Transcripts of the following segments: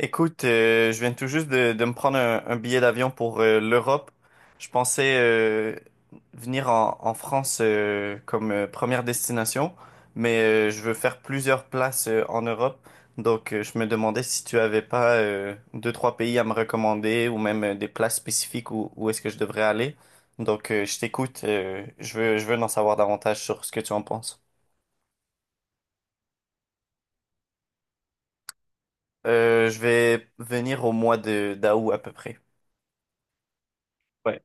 Écoute, je viens tout juste de me prendre un billet d'avion pour l'Europe. Je pensais, venir en France comme première destination, mais je veux faire plusieurs places en Europe. Donc, je me demandais si tu avais pas deux, trois pays à me recommander ou même des places spécifiques où est-ce que je devrais aller. Donc, je t'écoute. Je veux en savoir davantage sur ce que tu en penses. Je vais venir au mois de d'août à peu près. Ouais.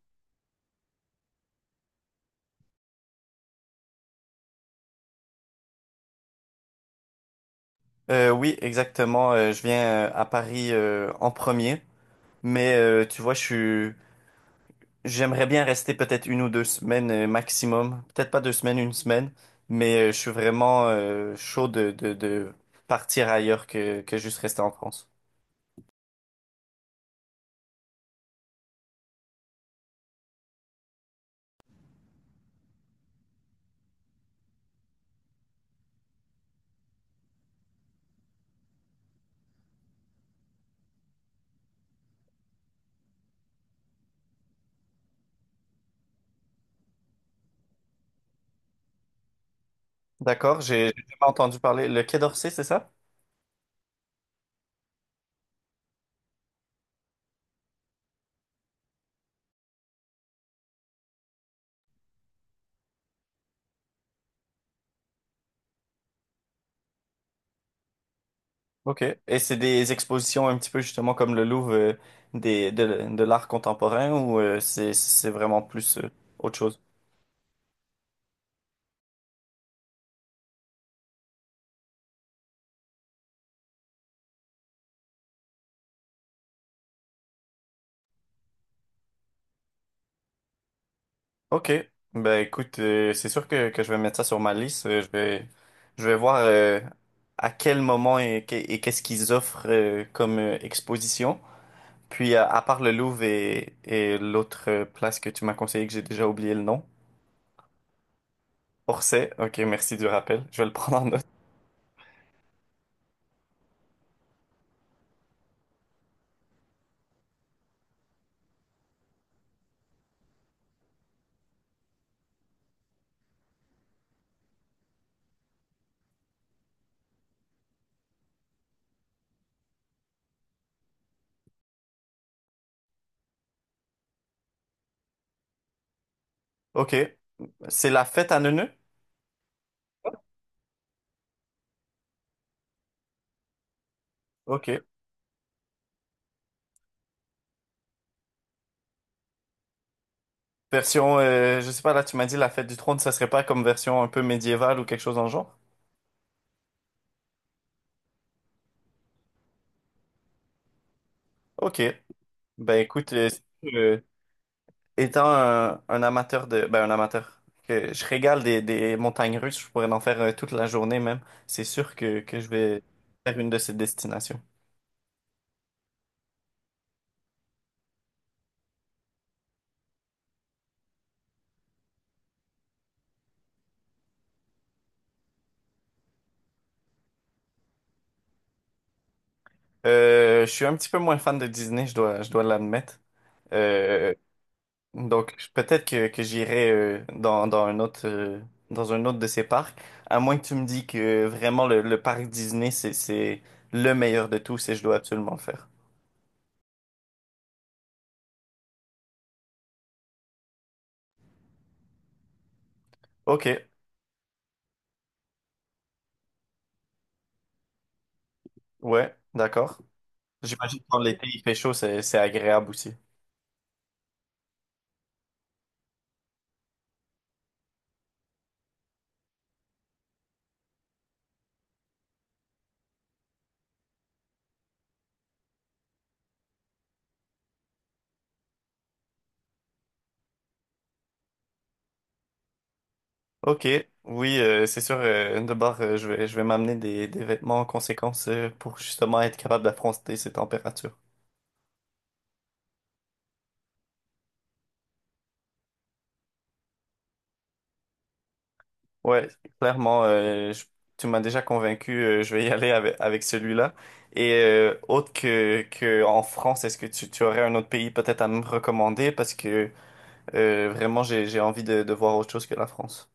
Oui, exactement. Je viens à Paris en premier, mais tu vois, je suis... J'aimerais bien rester peut-être une ou deux semaines maximum. Peut-être pas deux semaines, une semaine, mais je suis vraiment chaud de partir ailleurs que juste rester en France. D'accord, j'ai jamais entendu parler. Le Quai d'Orsay, c'est ça? Ok. Et c'est des expositions un petit peu justement comme le Louvre de l'art contemporain ou c'est vraiment plus autre chose? Ok, ben écoute, c'est sûr que je vais mettre ça sur ma liste. Je vais, je vais voir à quel moment et, et qu'est-ce qu'ils offrent comme exposition. Puis à part le Louvre et l'autre place que tu m'as conseillé que j'ai déjà oublié le nom. Orsay, ok, merci du rappel. Je vais le prendre en note. Ok, c'est la fête à Neuneu? Ok. Version, je sais pas, là tu m'as dit la fête du trône, ça serait pas comme version un peu médiévale ou quelque chose dans le genre? Ok, ben écoute, euh, étant un amateur de... Ben, un amateur. Que je régale des montagnes russes, je pourrais en faire toute la journée même. C'est sûr que je vais faire une de ces destinations. Je suis un petit peu moins fan de Disney, je dois l'admettre. Euh, donc, peut-être que j'irai dans un autre, dans un autre de ces parcs. À moins que tu me dis que vraiment le parc Disney, c'est le meilleur de tous et je dois absolument le faire. Ok, ouais, d'accord. J'imagine que quand l'été il fait chaud, c'est agréable aussi. Ok, oui, c'est sûr. Euh, de bord, je vais m'amener des vêtements en conséquence pour justement être capable d'affronter ces températures. Ouais, clairement, tu m'as déjà convaincu. Euh, je vais y aller avec celui-là. Et autre que en France, est-ce que tu aurais un autre pays peut-être à me recommander parce que vraiment j'ai envie de voir autre chose que la France.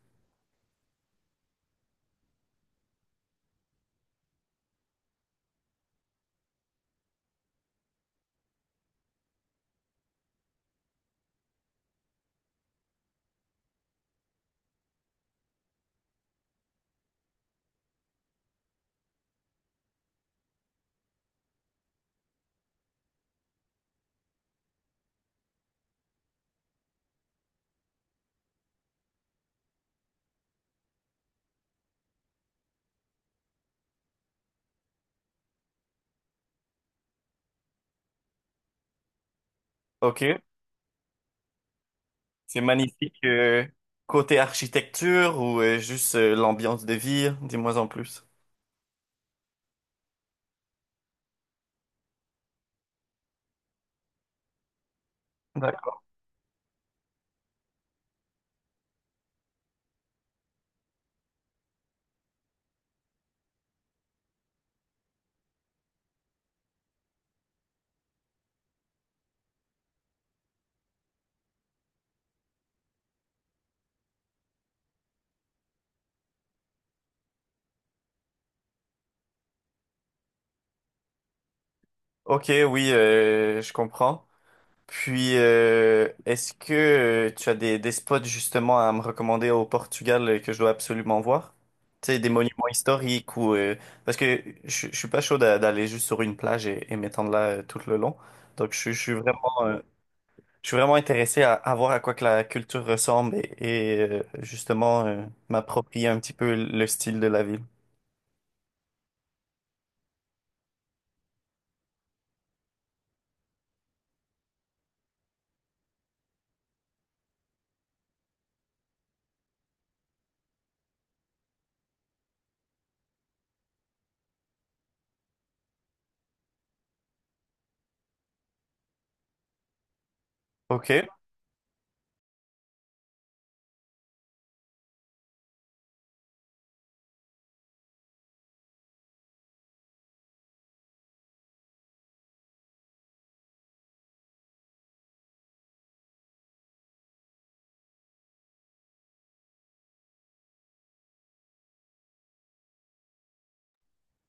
Ok, c'est magnifique. Euh, côté architecture ou juste l'ambiance de vie, dis-moi en plus. Ok, oui, je comprends. Puis, est-ce que tu as des spots justement à me recommander au Portugal que je dois absolument voir? Tu sais, des monuments historiques ou... parce que je suis pas chaud d'aller juste sur une plage et m'étendre là tout le long. Donc, je suis vraiment, je suis vraiment intéressé à voir à quoi que la culture ressemble et, justement m'approprier un petit peu le style de la ville. Ok.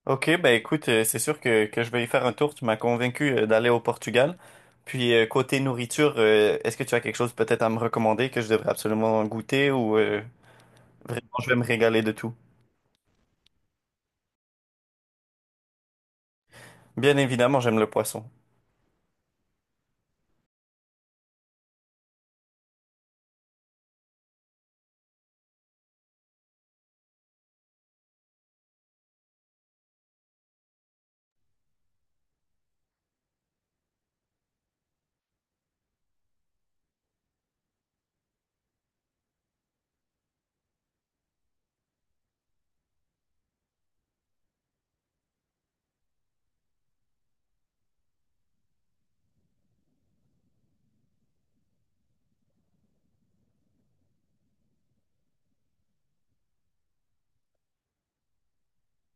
Ok, ben écoute, c'est sûr que je vais y faire un tour. Tu m'as convaincu d'aller au Portugal. Puis côté nourriture, est-ce que tu as quelque chose peut-être à me recommander que je devrais absolument goûter ou vraiment je vais me régaler de tout? Bien évidemment, j'aime le poisson.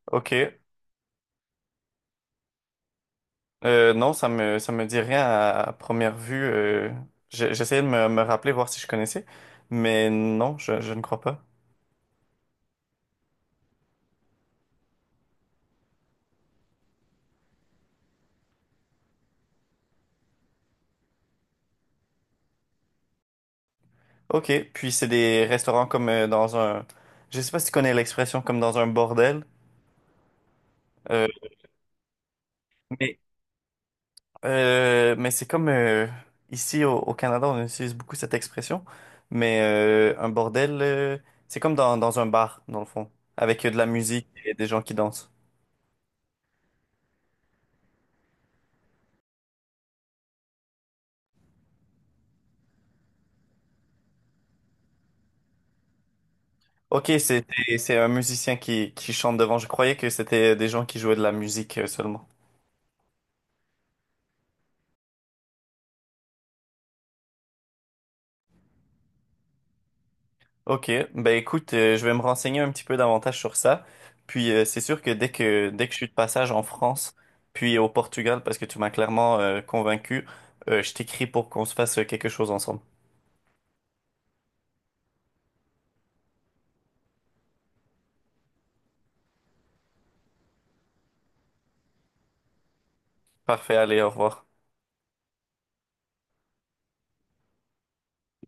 Ok. Non, ça me dit rien à première vue. Euh, j'essayais de me rappeler voir si je connaissais, mais non, je ne crois pas. Ok, puis c'est des restaurants comme dans un, je sais pas si tu connais l'expression comme dans un bordel. euh, mais mais c'est comme ici au Canada, on utilise beaucoup cette expression, mais un bordel, c'est comme dans un bar, dans le fond, avec de la musique et des gens qui dansent. Ok, c'est un musicien qui chante devant. Je croyais que c'était des gens qui jouaient de la musique seulement. Ok, ben écoute, je vais me renseigner un petit peu davantage sur ça. Puis c'est sûr que dès que je suis de passage en France, puis au Portugal, parce que tu m'as clairement convaincu, je t'écris pour qu'on se fasse quelque chose ensemble. Parfait, allez, au revoir.